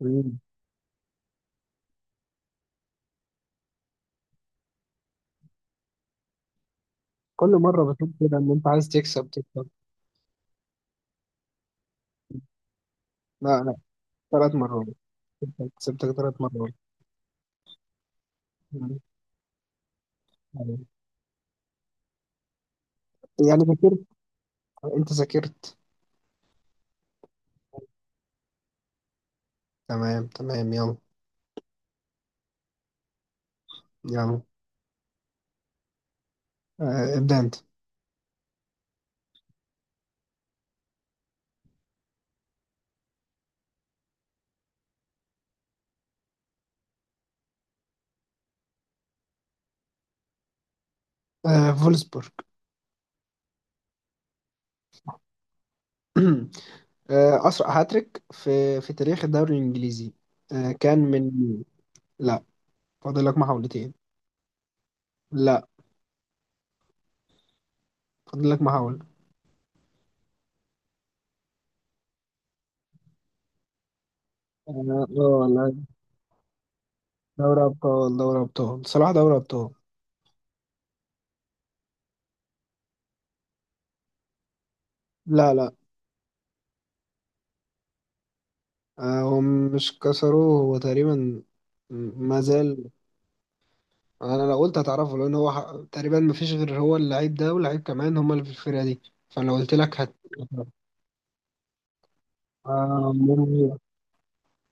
مم. كل مرة بتقول كده إن أنت عايز تكسب تكسب. لا لا، 3 مرات. كسبتك كسبتك 3 مرات. مم. أيوة. يعني ذاكرت؟ أنت ذاكرت؟ تمام تمام، يلا. يلا. ابدأ أنت. فولسبورج. أسرع هاتريك في تاريخ الدوري الإنجليزي. آه كان من لا. فاضل لك محاولتين. لا. فاضل لك محاولة. لا. دوري أبطال دوري أبطال صلاح دوري أبطال. لا لا. هم مش كسروه هو تقريبا، ما زال. انا لو قلت هتعرفه لان هو تقريبا ما فيش غير هو اللعيب ده، واللعيب كمان هم اللي في الفرقه دي. فلو قلت لك. ممكن.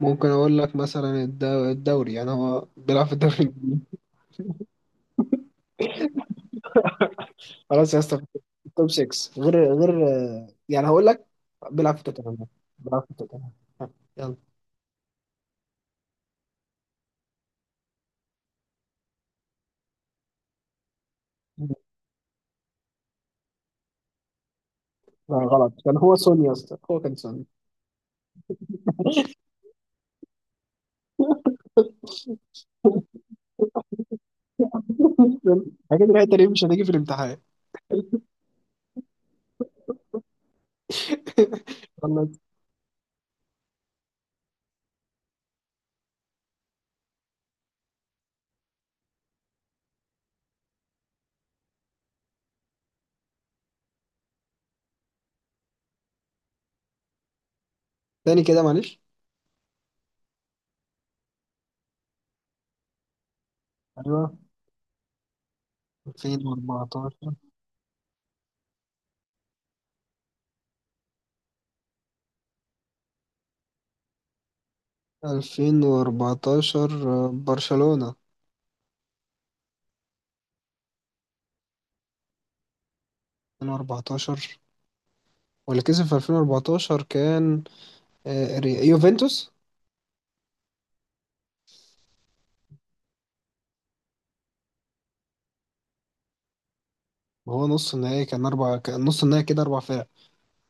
ممكن اقول لك مثلا الدوري، يعني هو بيلعب في الدوري الانجليزي. خلاص يا اسطى. توب 6، غير يعني هقول لك. بيلعب في توتنهام. بيلعب في توتنهام. ها، يلا. لا غلط، كان هو سون يا اسطى، هو كان سون. اكيد الحته دي مش هتيجي في الامتحان. يلا. تاني كده معلش. ايوه. 2014. 2014. برشلونة. 2014. واللي كسب في 2014 كان يوفنتوس. وهو نص النهائي كان نص النهائي كده اربع فرق.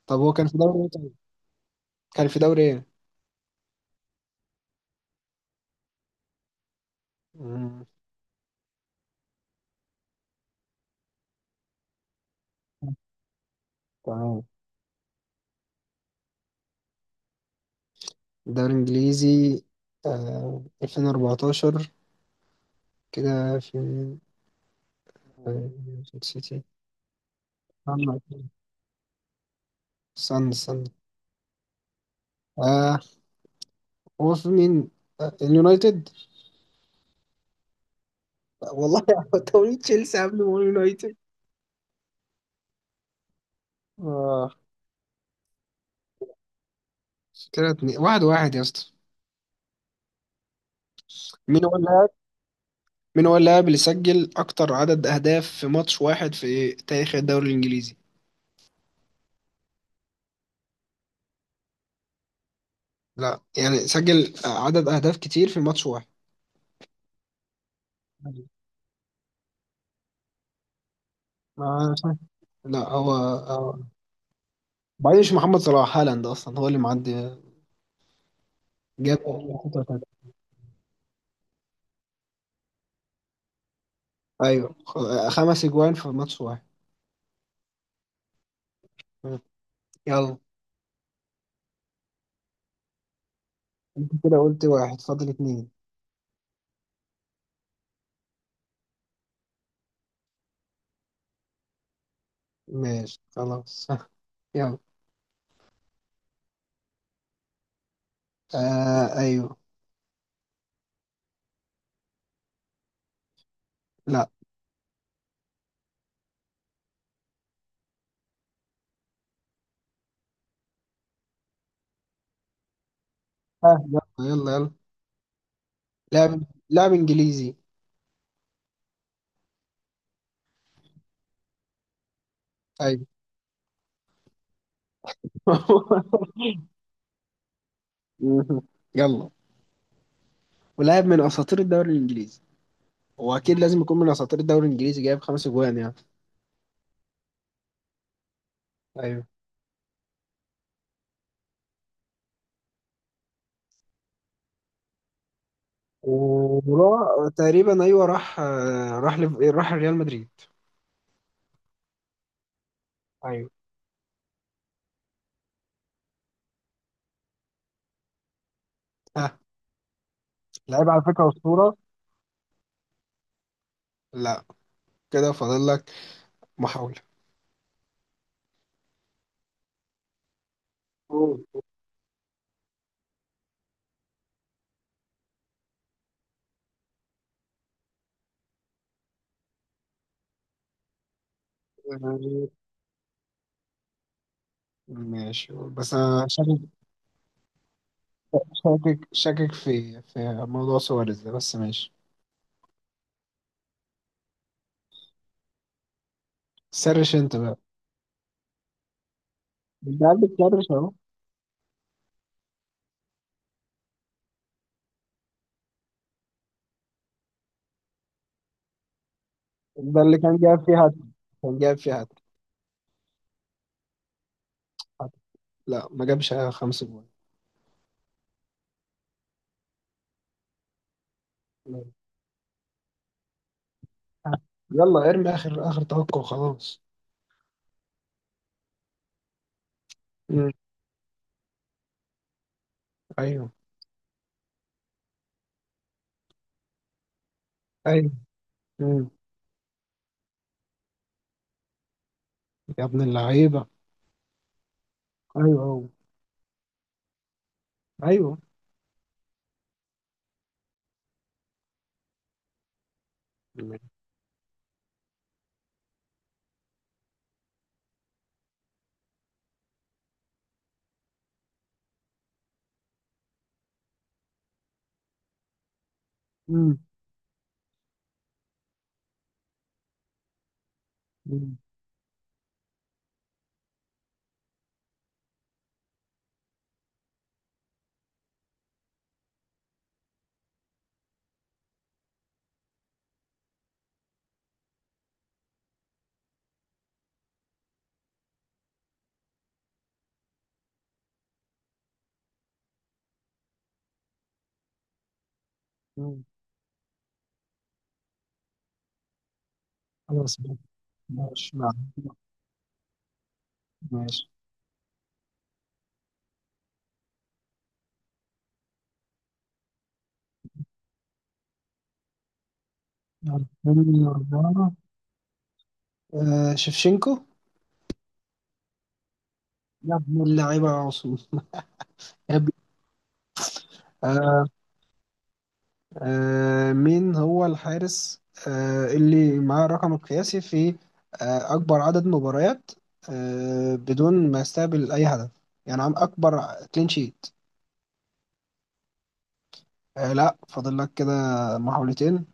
طب هو كان في دوري ايه طيب؟ كان في دوري ايه؟ مم. تمام. الدوري الانجليزي. 2014. كده في مين؟ آه، سيتي. استنى. استنى استنى. آه. هو في مين؟ اليونايتد. والله. توريد تشيلسي قبل مان يونايتد. اه. كده 1-1 يا اسطى. مين هو اللاعب؟ مين هو اللاعب اللي سجل اكتر عدد اهداف في ماتش واحد في تاريخ الدوري الانجليزي؟ لا يعني سجل عدد اهداف كتير في ماتش واحد. ما- لا بعدين مش محمد صلاح، هالاند اصلا هو اللي معدي. جاب ايوه، خمس اجوان في ماتش واحد. مم. يلا. كده قلت واحد فاضل اتنين. ماشي خلاص. يلا. ايوه. لا. يلا يلا يلا. لاعب. لاعب انجليزي. ايوه. مهم. يلا. ولاعب من اساطير الدوري الانجليزي. هو اكيد لازم يكون من اساطير الدوري الانجليزي، جايب خمس اجوان يعني. ايوه. وراح تقريبا، ايوه، راح آه، راح لف- راح ريال مدريد. ايوه. ها. لعيب على فكره اسطوره. لا. كده فاضل لك محاوله. أوه. آه، ماشي بس انا شاكك. شاكك شاكك في موضوع سواريز ده، بس ماشي. سرش انت بقى. انت قاعد بتسرش. ده اللي كان جايب فيها هاتريك. كان جايب فيها هاتريك. هاتريك. لا ما جابش خمس جوان. لا. يلا ارمي اخر اخر توقع وخلاص. مم. ايوه. ايوه. مم. يا ابن اللعيبه. ايوه هو. ايوه. مم. مم. مم. خلاص. ماشي. ماشي. يلا. من الأربعة. شفشنكو. يا ابن اللعيبة يا عاصم. يا ابني. مين هو الحارس، اللي معاه الرقم القياسي في أكبر عدد مباريات بدون ما يستقبل أي هدف؟ يعني عم أكبر كلين شيت. لا. فاضل لك كده محاولتين.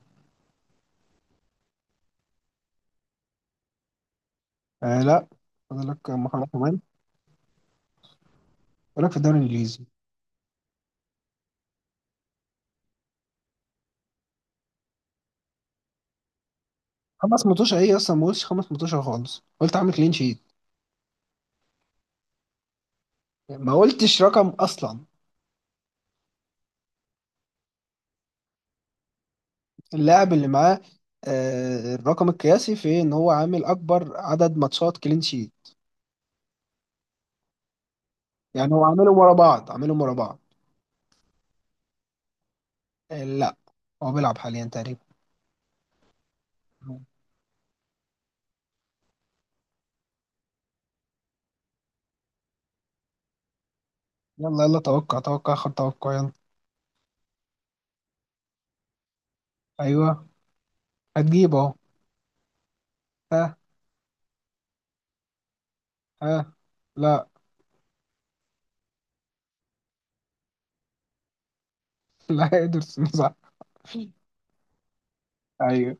لا. فاضل لك محاولة كمان. فاضل لك في الدوري الإنجليزي. خمس متوشة إيه أصلا؟ ما قلتش خمس متوشة خالص، قلت عامل كلين شيت. ما قلتش رقم أصلا. اللاعب اللي معاه الرقم القياسي في إن هو عامل أكبر عدد ماتشات كلين شيت. يعني هو عاملهم ورا بعض، عاملهم ورا بعض. لا. هو بيلعب حاليا تقريبا. يلا يلا توقع توقع، خد توقع يلا. ايوه. هتجيب اهو. ها. ها. لا. لا، ادرسون صح. ايوه.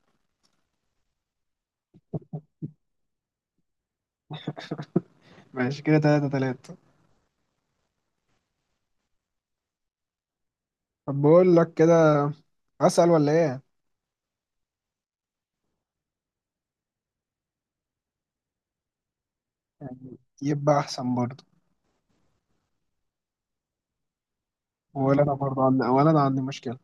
ماشي، كده 3-3. طب بقول لك كده، اسأل ولا ايه؟ يعني يبقى احسن برضه. ولا انا عندي مشكلة.